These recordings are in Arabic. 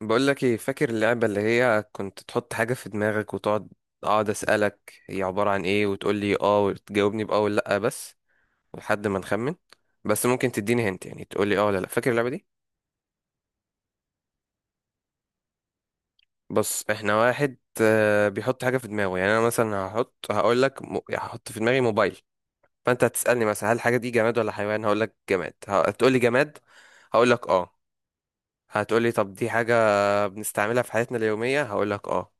بقول لك ايه؟ فاكر اللعبة اللي هي كنت تحط حاجة في دماغك وتقعد اقعد اسألك هي عبارة عن ايه، وتقول لي اه، وتجاوبني باه ولا لا، بس لحد ما نخمن؟ بس ممكن تديني هنت، يعني تقول لي اه ولا لا. فاكر اللعبة دي؟ بص، احنا واحد بيحط حاجة في دماغه، يعني انا مثلا هقول لك يعني هحط في دماغي موبايل. فانت هتسألني مثلا هل الحاجة دي جماد ولا حيوان؟ هقول لك جماد. هتقول لي جماد؟ هقول لك اه. هتقول لي طب دي حاجة بنستعملها في حياتنا اليومية؟ هقول لك اه.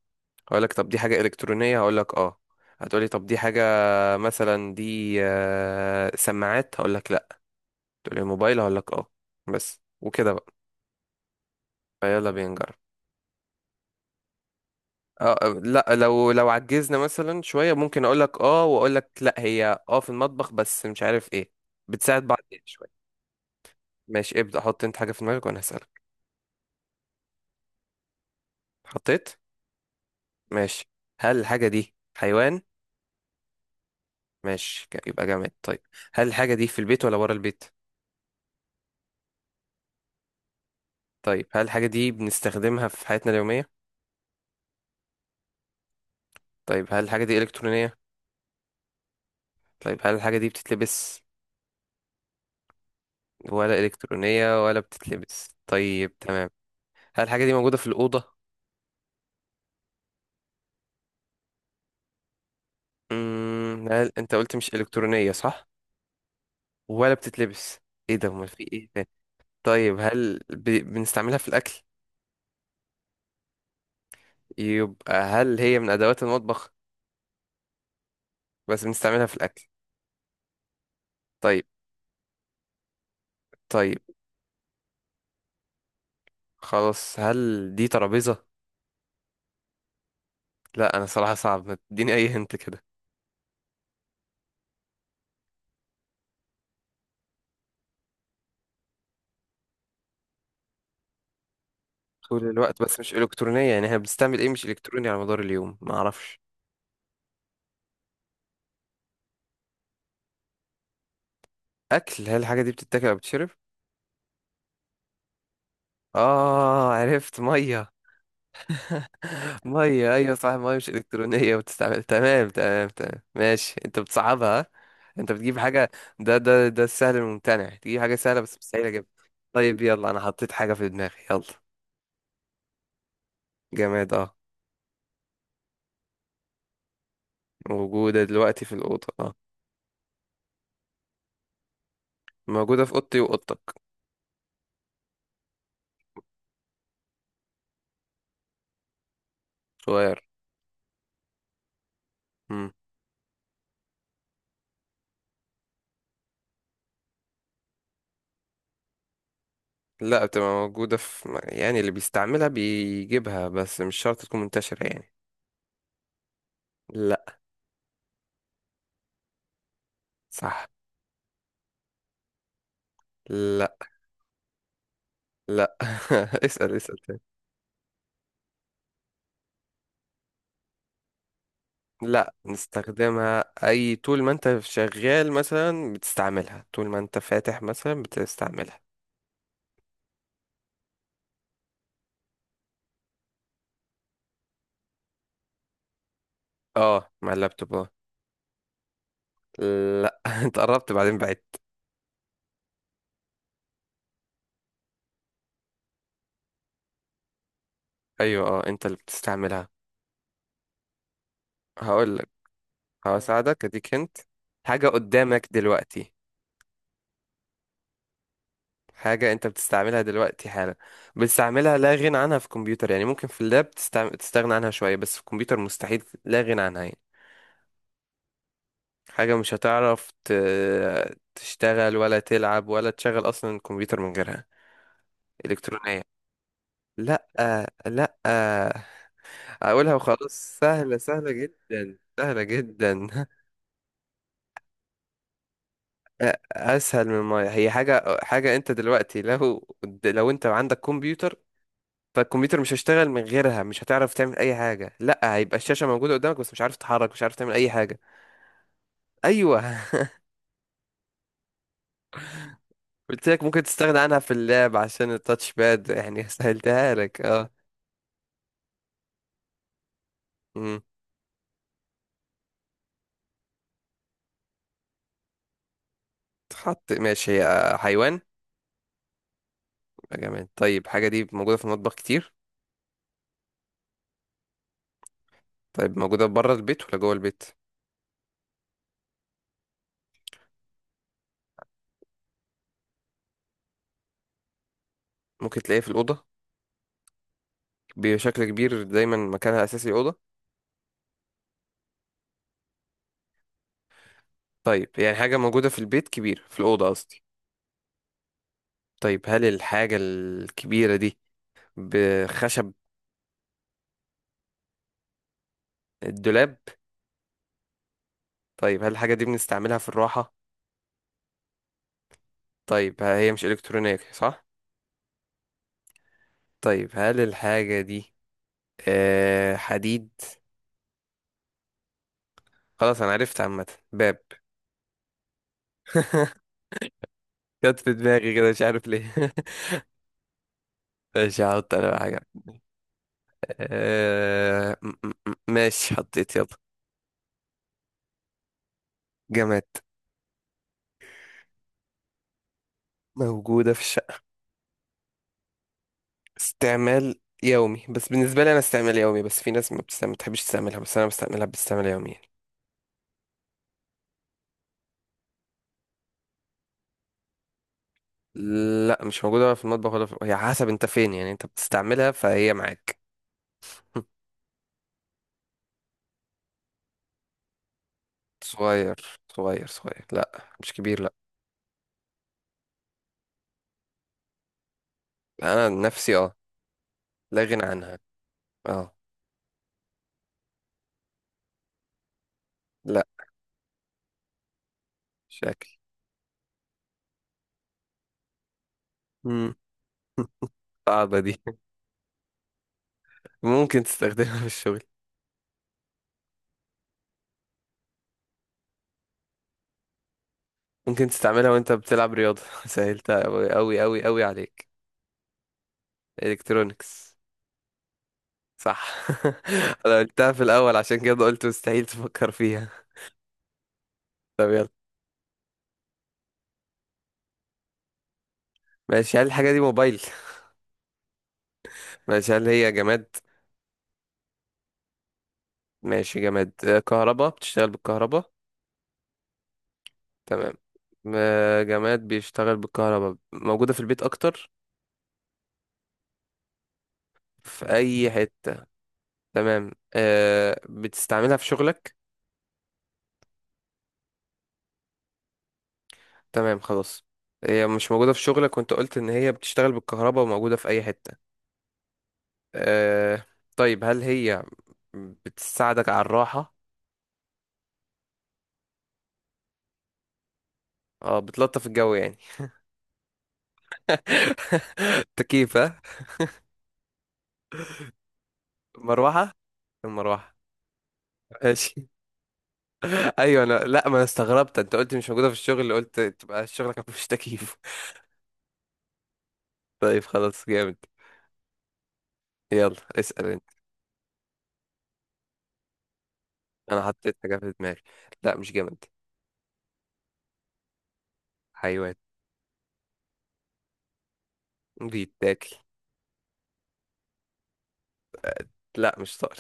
هقول لك طب دي حاجة إلكترونية؟ هقول لك اه. هتقولي طب دي حاجة مثلا دي سماعات؟ هقول لك لا. تقولي موبايل؟ هقول لك اه. بس وكده بقى. فيلا بينا نجرب. اه لا، لو عجزنا مثلا شوية ممكن اقول لك اه، واقول لك لا، هي في المطبخ بس مش عارف ايه، بتساعد بعض يعني شوية. ماشي، ابدأ. حط انت حاجة في دماغك وانا هسألك. حطيت؟ ماشي. هل الحاجة دي حيوان؟ ماشي، يبقى جامد. طيب، هل الحاجة دي في البيت ولا بره البيت؟ طيب، هل الحاجة دي بنستخدمها في حياتنا اليومية؟ طيب، هل الحاجة دي إلكترونية؟ طيب، هل الحاجة دي بتتلبس؟ ولا إلكترونية ولا بتتلبس، طيب تمام. هل الحاجة دي موجودة في الأوضة؟ هل أنت قلت مش إلكترونية، صح؟ ولا بتتلبس؟ إيه ده؟ أمال في إيه تاني؟ طيب، بنستعملها في الأكل؟ يبقى هل هي من أدوات المطبخ؟ بس بنستعملها في الأكل. طيب. طيب خلاص، هل دي ترابيزة؟ لا، أنا صراحة صعب ما تديني أي هنت كده. طول الوقت بس مش إلكترونية، يعني احنا بنستعمل إيه مش إلكتروني على مدار اليوم؟ ما أعرفش. اكل؟ هل الحاجه دي بتتاكل او بتشرب؟ اه، عرفت. ميه؟ ميه، ايوه صح، ميه، مش الكترونيه، بتستعمل، تمام تمام تمام، ماشي. انت بتصعبها، ها؟ انت بتجيب حاجه، ده السهل الممتنع، تجيب حاجه سهله بس مستحيل اجيبها. طيب يلا، انا حطيت حاجه في دماغي، يلا. جماد، اه. موجوده دلوقتي في الاوضه، اه. موجوده في اوضتي واوضتك. صغير. امم. لا، بتبقى موجوده في، يعني اللي بيستعملها بيجيبها بس مش شرط تكون منتشره يعني. لا. صح. لا، لا. اسأل اسأل تاني. لا، نستخدمها اي طول ما انت شغال مثلا بتستعملها، طول ما انت فاتح مثلا بتستعملها. اه، مع اللابتوب، اه. لا. انت قربت بعدين بعدت. ايوه اه، انت اللي بتستعملها. هقول لك. هساعدك، اديك انت حاجة قدامك دلوقتي، حاجة انت بتستعملها دلوقتي حالا، بتستعملها لا غنى عنها في الكمبيوتر، يعني ممكن في اللاب تستغنى عنها شوية، بس في الكمبيوتر مستحيل لا غنى عنها يعني. حاجة مش هتعرف تشتغل ولا تلعب ولا تشغل أصلا الكمبيوتر من غيرها. إلكترونية. لأ. لأ. أقولها وخلاص. سهلة، سهلة جدا، سهلة جدا. أسهل من ما هي حاجة. حاجة أنت دلوقتي، لو أنت عندك كمبيوتر، فالكمبيوتر مش هيشتغل من غيرها، مش هتعرف تعمل أي حاجة، لأ هيبقى الشاشة موجودة قدامك بس مش عارف تتحرك، مش عارف تعمل أي حاجة. أيوه. قلت لك ممكن تستغنى عنها في اللعب عشان التاتش باد يعني. سهلتها لك، اه. تحط؟ ماشي. هي حيوان؟ يبقى جماد، طيب. حاجة دي موجودة في المطبخ كتير؟ طيب، موجودة بره البيت ولا جوه البيت؟ ممكن تلاقيها في الأوضة بشكل كبير؟ دايما مكانها أساسي الأوضة. طيب، يعني حاجة موجودة في البيت كبير، في الأوضة قصدي. طيب، هل الحاجة الكبيرة دي بخشب؟ الدولاب؟ طيب، هل الحاجة دي بنستعملها في الراحة؟ طيب، هي مش إلكترونية، صح؟ طيب، هل الحاجة دي حديد؟ خلاص أنا عرفت، عامة، باب. جت في دماغي كده مش عارف ليه. ماشي، هحط انا بقى حاجة. ماشي، حطيت، يلا. جماد موجودة في الشقة، استعمال يومي، بس بالنسبة لي انا استعمال يومي، بس في ناس ما بتستعمل، ما بتحبش تستعملها، بس انا بستعملها باستعمال يومي يعني. لا مش موجودة ولا في المطبخ، ولا هي حسب انت فين، يعني انت بتستعملها فهي معاك. صغير صغير صغير، لا مش كبير، لا. انا عن نفسي، اه، لا غنى عنها. اه. لا. شكل. مم. صعبة دي. ممكن تستخدمها في الشغل. ممكن تستعملها وانت بتلعب رياضة. سهلتها أوي أوي أوي أوي عليك. الكترونكس. صح. انا قلتها في الاول عشان كده قلت مستحيل تفكر فيها. طب يلا. ماشي، هل الحاجة دي موبايل؟ ماشي، هل هي جماد؟ ماشي، جماد. كهربا، بتشتغل بالكهربا؟ تمام. جماد بيشتغل بالكهربا، موجودة في البيت اكتر، في اي حتة. تمام. بتستعملها في شغلك؟ تمام خلاص. هي مش موجودة في شغلك، وانت قلت ان هي بتشتغل بالكهربا وموجودة في اي حتة. آه طيب، هل هي بتساعدك على الراحة؟ اه، بتلطف الجو يعني. تكييف، ها؟ مروحة، المروحة. ماشي. ايوه انا، لا، ما انا استغربت، انت قلت مش موجودة في الشغل، قلت تبقى شغلك مفيش تكييف. طيب خلاص، جامد. يلا اسأل انت. انا حطيت حاجة في دماغي. لا مش جامد. حيوان. بيتاكل. لا مش طائر.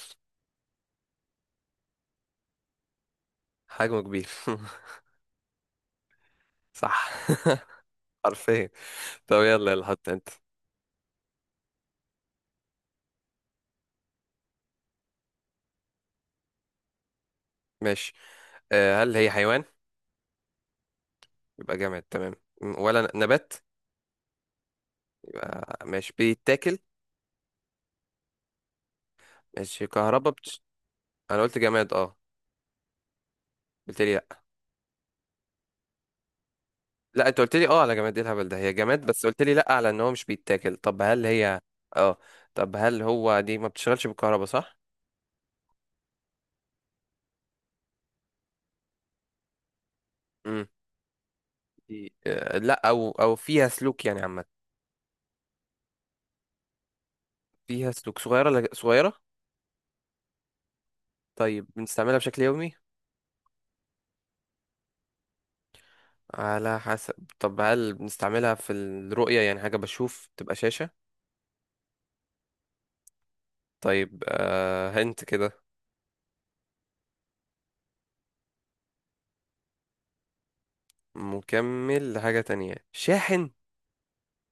حجمه كبير. صح. حرفيا. طب يلا يلا، حط انت. ماشي، هل هي حيوان؟ يبقى جامد تمام. ولا نبات؟ يبقى ماشي، بيتاكل؟ ماشي، كهربا انا قلت جماد، اه. قلت لي لا. لا، انت قلت لي اه على جماد، ايه الهبل ده، هي جماد، بس قلت لي لا على ان هو مش بيتاكل. طب هل هي اه طب هل هو دي ما بتشتغلش بالكهرباء، صح؟ امم. دي لا، او فيها سلوك يعني عامه. فيها سلوك؟ صغيره، لا، صغيره. طيب، بنستعملها بشكل يومي؟ على حسب. طب هل بنستعملها في الرؤية، يعني حاجة بشوف تبقى شاشة؟ طيب، هنت كده. مكمل لحاجة تانية، شاحن؟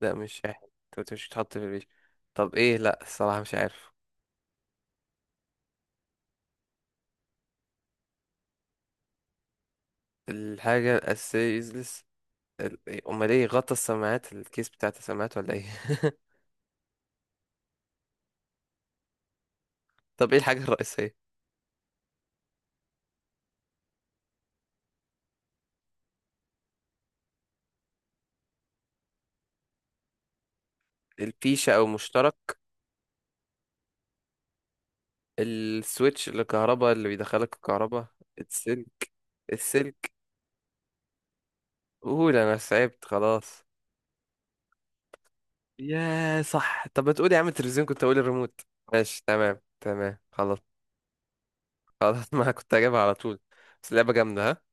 لا مش شاحن، انت قلت مش بتحط في البيت. طب ايه؟ لا، الصراحة مش عارف. الحاجة الأساسية useless. إيه، أمال ايه، غطا السماعات، الكيس بتاعت السماعات، ولا ايه؟ طب ايه الحاجة الرئيسية؟ الفيشة أو مشترك؟ السويتش، الكهرباء اللي بيدخلك الكهرباء؟ السلك. السلك؟ قول، أنا تعبت خلاص. يا صح، طب ما تقول يا عم التلفزيون، كنت أقول الريموت. ماشي، تمام تمام خلاص خلاص. ما كنت هجيبها على طول. بس لعبة جامدة، ها.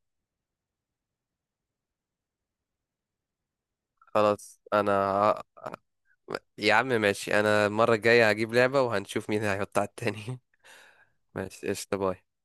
خلاص انا ه- يا عم ماشي، انا المرة الجاية هجيب لعبة، وهنشوف مين هيحط على التاني. ماشي قشطة، باي.